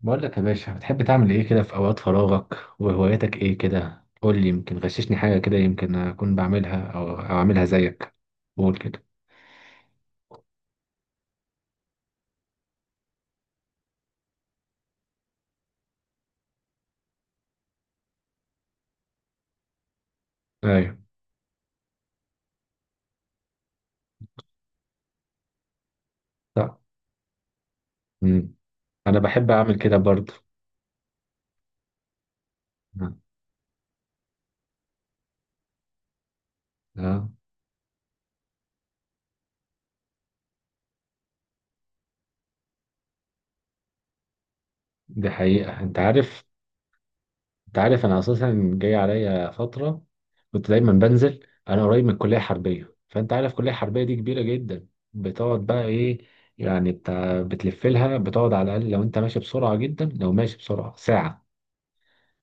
بقول لك يا باشا، بتحب تعمل ايه كده في اوقات فراغك وهواياتك ايه كده؟ قول لي، يمكن غششني حاجه كده يمكن اكون بعملها او اعملها زيك. قول كده. ايوه. لا. امم انا بحب اعمل كده برضه. اه. آه، دي حقيقه انت عارف انا اساسا جاي عليا فتره كنت دايما بنزل، انا قريب من الكليه الحربيه، فانت عارف الكليه الحربيه دي كبيره جدا، بتقعد بقى ايه يعني، بتاع بتلف لها بتقعد على الاقل لو انت ماشي بسرعه جدا، لو ماشي بسرعه ساعه.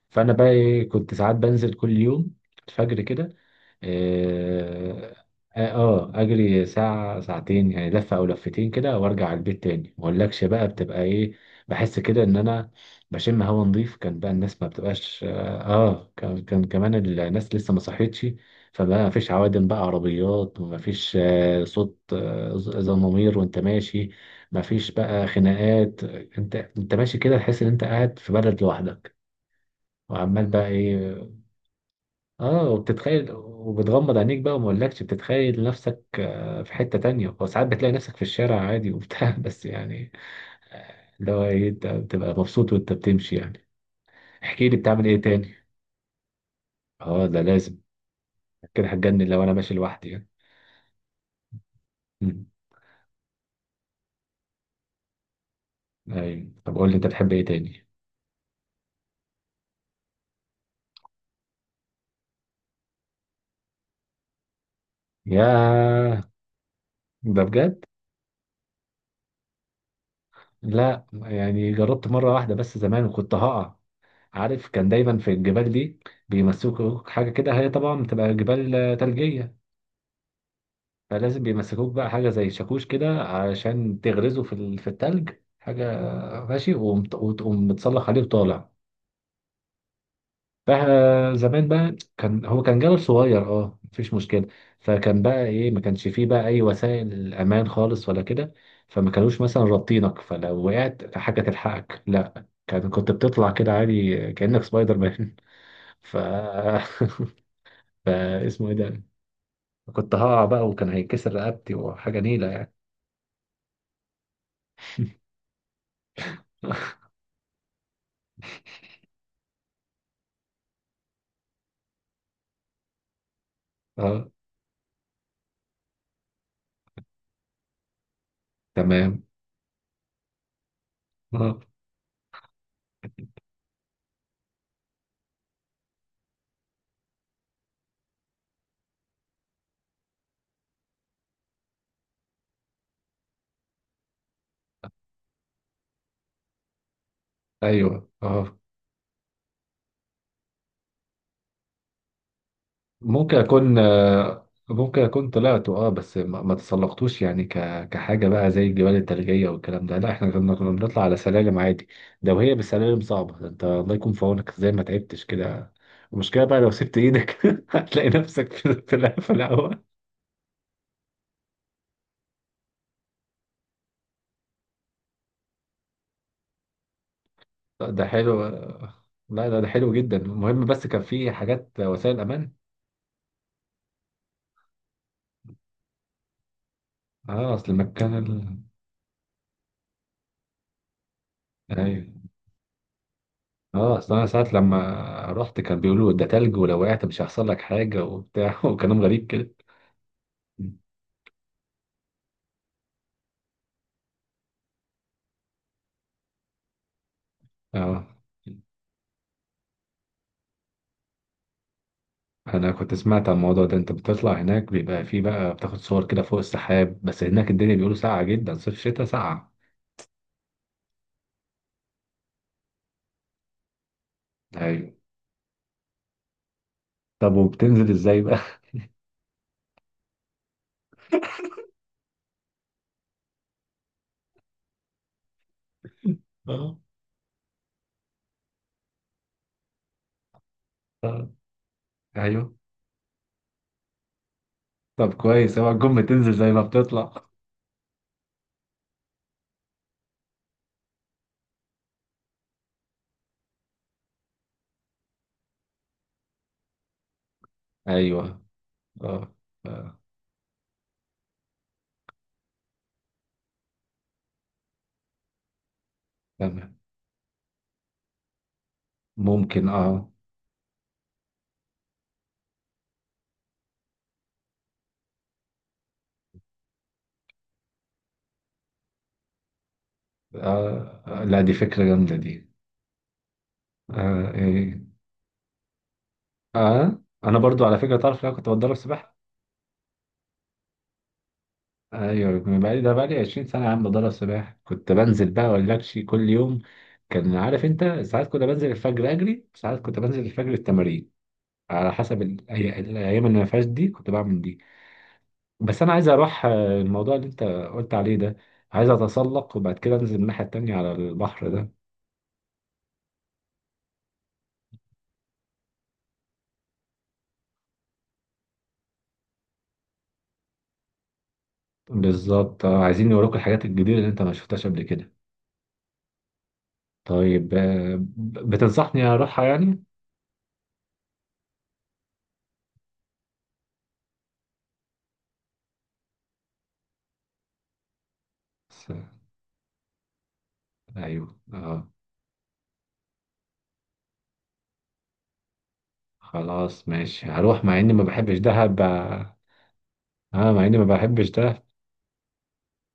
فانا بقى ايه، كنت ساعات بنزل كل يوم الفجر كده. اه. اجري ساعة ساعتين يعني، لفة او لفتين كده وارجع على البيت تاني. ما اقولكش بقى بتبقى ايه، بحس كده ان انا بشم هوا نظيف. كان بقى الناس ما بتبقاش اه. كان كمان الناس لسه ما صحتش، فبقى ما فيش عوادم بقى عربيات، وما فيش صوت زمامير وانت ماشي، ما فيش بقى خناقات، انت ماشي كده تحس ان انت قاعد في بلد لوحدك وعمال بقى ايه. اه، وبتتخيل وبتغمض عينيك بقى، وما اقولكش بتتخيل نفسك في حتة تانية، وساعات بتلاقي نفسك في الشارع عادي وبتاع بس يعني اللي هو ايه، انت بتبقى مبسوط وانت بتمشي يعني. احكي لي بتعمل ايه تاني. اه ده لازم، كده هتجنن لو انا ماشي لوحدي يعني. مم. ايوه، طب قول لي انت بتحب ايه تاني. ياه، ده بجد. لا يعني جربت مرة واحدة بس زمان، وكنت هقع. عارف كان دايما في الجبال دي بيمسكوا حاجة كده، هي طبعا بتبقى جبال تلجية، فلازم بيمسكوك بقى حاجة زي شاكوش كده عشان تغرزه في التلج. حاجة ماشي وتقوم متصلح عليه وطالع. فزمان بقى كان هو كان جبل صغير، اه، مفيش مشكلة، فكان بقى ايه، ما كانش فيه بقى اي وسائل امان خالص ولا كده، فما كانوش مثلا رابطينك فلو وقعت حاجة تلحقك، لا كان كنت بتطلع كده عادي كأنك سبايدر مان. ف فاسمه ايه ده؟ كنت هقع بقى وكان هيتكسر رقبتي وحاجة نيلة يعني. اه. تمام. اه. ايوه. اه. ممكن اكون ممكن اكون طلعته، اه، بس ما تسلقتوش يعني، كحاجه بقى زي الجبال الثلجيه والكلام ده. لا احنا كنا بنطلع على سلالم عادي، لو هي بالسلالم صعبه ده انت الله يكون في عونك، ازاي ما تعبتش كده. المشكله بقى لو سبت ايدك هتلاقي نفسك في في الهواء. ده حلو، لا ده ده حلو جدا. المهم بس كان في حاجات وسائل امان. اه اصل ايوه. اه، اصل انا ساعات لما رحت كان بيقولوا ده تلج، ولو وقعت مش هيحصل لك حاجه وبتاع وكلام غريب كده. اه، انا كنت سمعت عن الموضوع ده، انت بتطلع هناك بيبقى فيه بقى بتاخد صور كده فوق السحاب، بس هناك الدنيا بيقولوا ساقعه جدا، صيف شتاء ساقعه. ايوه. طب وبتنزل ازاي بقى؟ اه. آه، ايوه، طب كويس، اوعى تكون بتنزل زي ما بتطلع. ايوه. اه. آه،. تمام. ممكن اه. لا دي فكره جامده دي. آه. إيه. اه، انا برضو على فكره تعرف لو كنت بتدرب سباحه. ايوه، من بقالي ده بقالي 20 سنه يا عم بتدرب سباحه، كنت بنزل بقى ولاكشي كل يوم. كان عارف انت ساعات كنت بنزل الفجر اجري، ساعات كنت بنزل الفجر التمارين، على حسب الايام اللي ما فيهاش دي كنت بعمل دي. بس انا عايز اروح الموضوع اللي انت قلت عليه ده، عايز اتسلق وبعد كده انزل الناحيه التانيه على البحر ده. بالظبط، عايزين نوروك الحاجات الجديده اللي انت ما شفتهاش قبل كده. طيب بتنصحني اروحها يعني؟ بس- ايوه. اه. خلاص ماشي هروح، مع اني ما بحبش دهب بقى. اه مع اني ما بحبش دهب.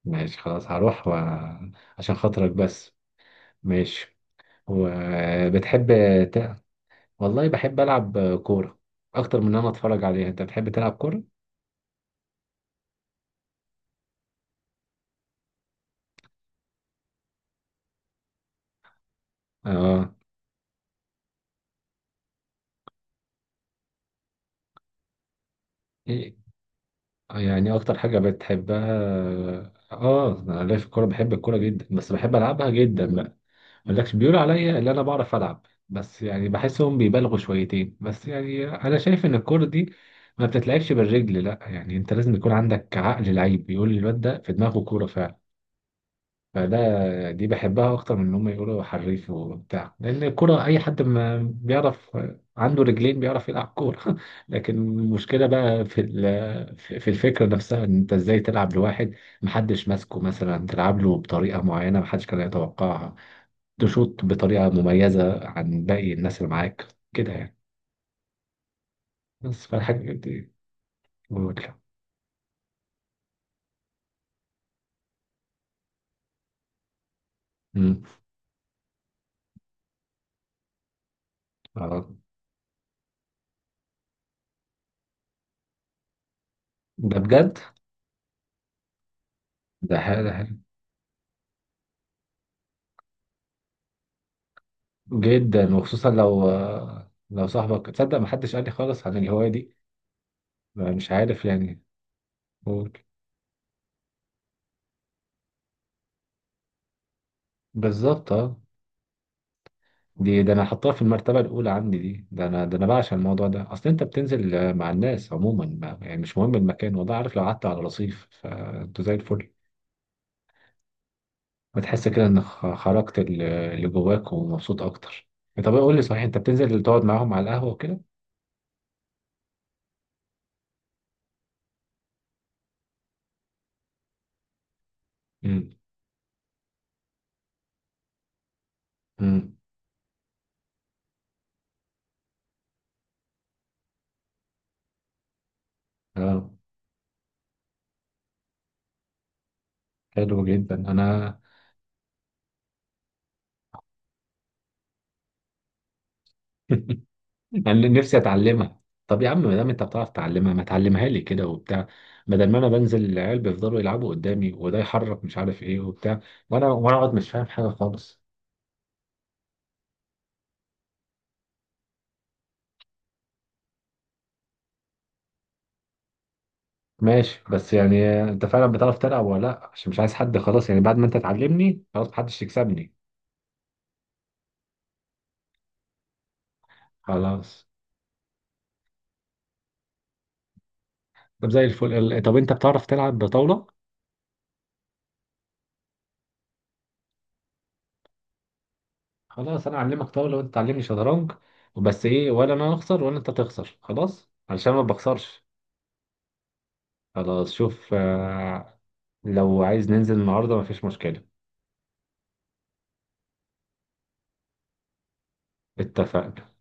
ماشي خلاص هروح و... عشان خاطرك بس. ماشي. وبتحب ت... والله بحب العب كورة، اكتر من ان انا اتفرج عليها. انت بتحب تلعب كورة؟ اه. إيه؟ يعني اكتر حاجة بتحبها. اه انا ليا في الكورة، بحب الكورة جدا بس بحب العبها جدا بقى. مقولكش بيقولوا عليا اللي انا بعرف العب، بس يعني بحسهم بيبالغوا شويتين، بس يعني انا شايف ان الكوره دي ما بتتلعبش بالرجل، لا يعني انت لازم يكون عندك عقل لعيب، بيقول لي الواد ده في دماغه كوره فعلا. فده دي بحبها اكتر من ان هم يقولوا حريف وبتاع، لان الكوره اي حد ما بيعرف عنده رجلين بيعرف يلعب كوره. لكن المشكله بقى في في الفكره نفسها، ان انت ازاي تلعب لواحد محدش ماسكه، مثلا تلعب له بطريقه معينه محدش كان يتوقعها، تشوط بطريقة مميزة عن باقي الناس اللي معاك كده يعني، بس فالحاجة دي مملة. مم. آه. ده بجد. ده حلو. ده حلو جدا، وخصوصا لو لو صاحبك. تصدق محدش قال لي خالص عن الهواية دي، ما مش عارف يعني. قول. بالظبط اه. دي ده انا حطها في المرتبة الأولى عندي، دي ده انا ده انا بعشق الموضوع ده، اصل انت بتنزل مع الناس عموما، يعني مش مهم المكان، والله عارف لو قعدت على رصيف فانتوا زي الفل. بتحس كده انك خرجت اللي جواك ومبسوط اكتر. طب قول لي صحيح، انت بتنزل تقعد معاهم على القهوه وكده؟ امم. امم. اه. حلو جدا انا. انا نفسي اتعلمها. طب يا عم ما دام انت بتعرف تعلمها، ما تعلمها لي كده وبتاع، بدل ما انا بنزل العيال بيفضلوا يلعبوا قدامي، وده يحرك مش عارف ايه وبتاع، وانا اقعد مش فاهم حاجه خالص. ماشي، بس يعني انت فعلا بتعرف تلعب ولا لا؟ عشان مش عايز حد، خلاص يعني بعد ما انت تعلمني خلاص محدش يكسبني. خلاص. طب زي الفل طب انت بتعرف تلعب بطاولة؟ خلاص انا اعلمك طاولة وانت تعلمني شطرنج. بس ايه ولا انا اخسر ولا انت تخسر، خلاص علشان ما بخسرش. خلاص شوف لو عايز ننزل النهاردة مفيش مشكلة. اتفقنا.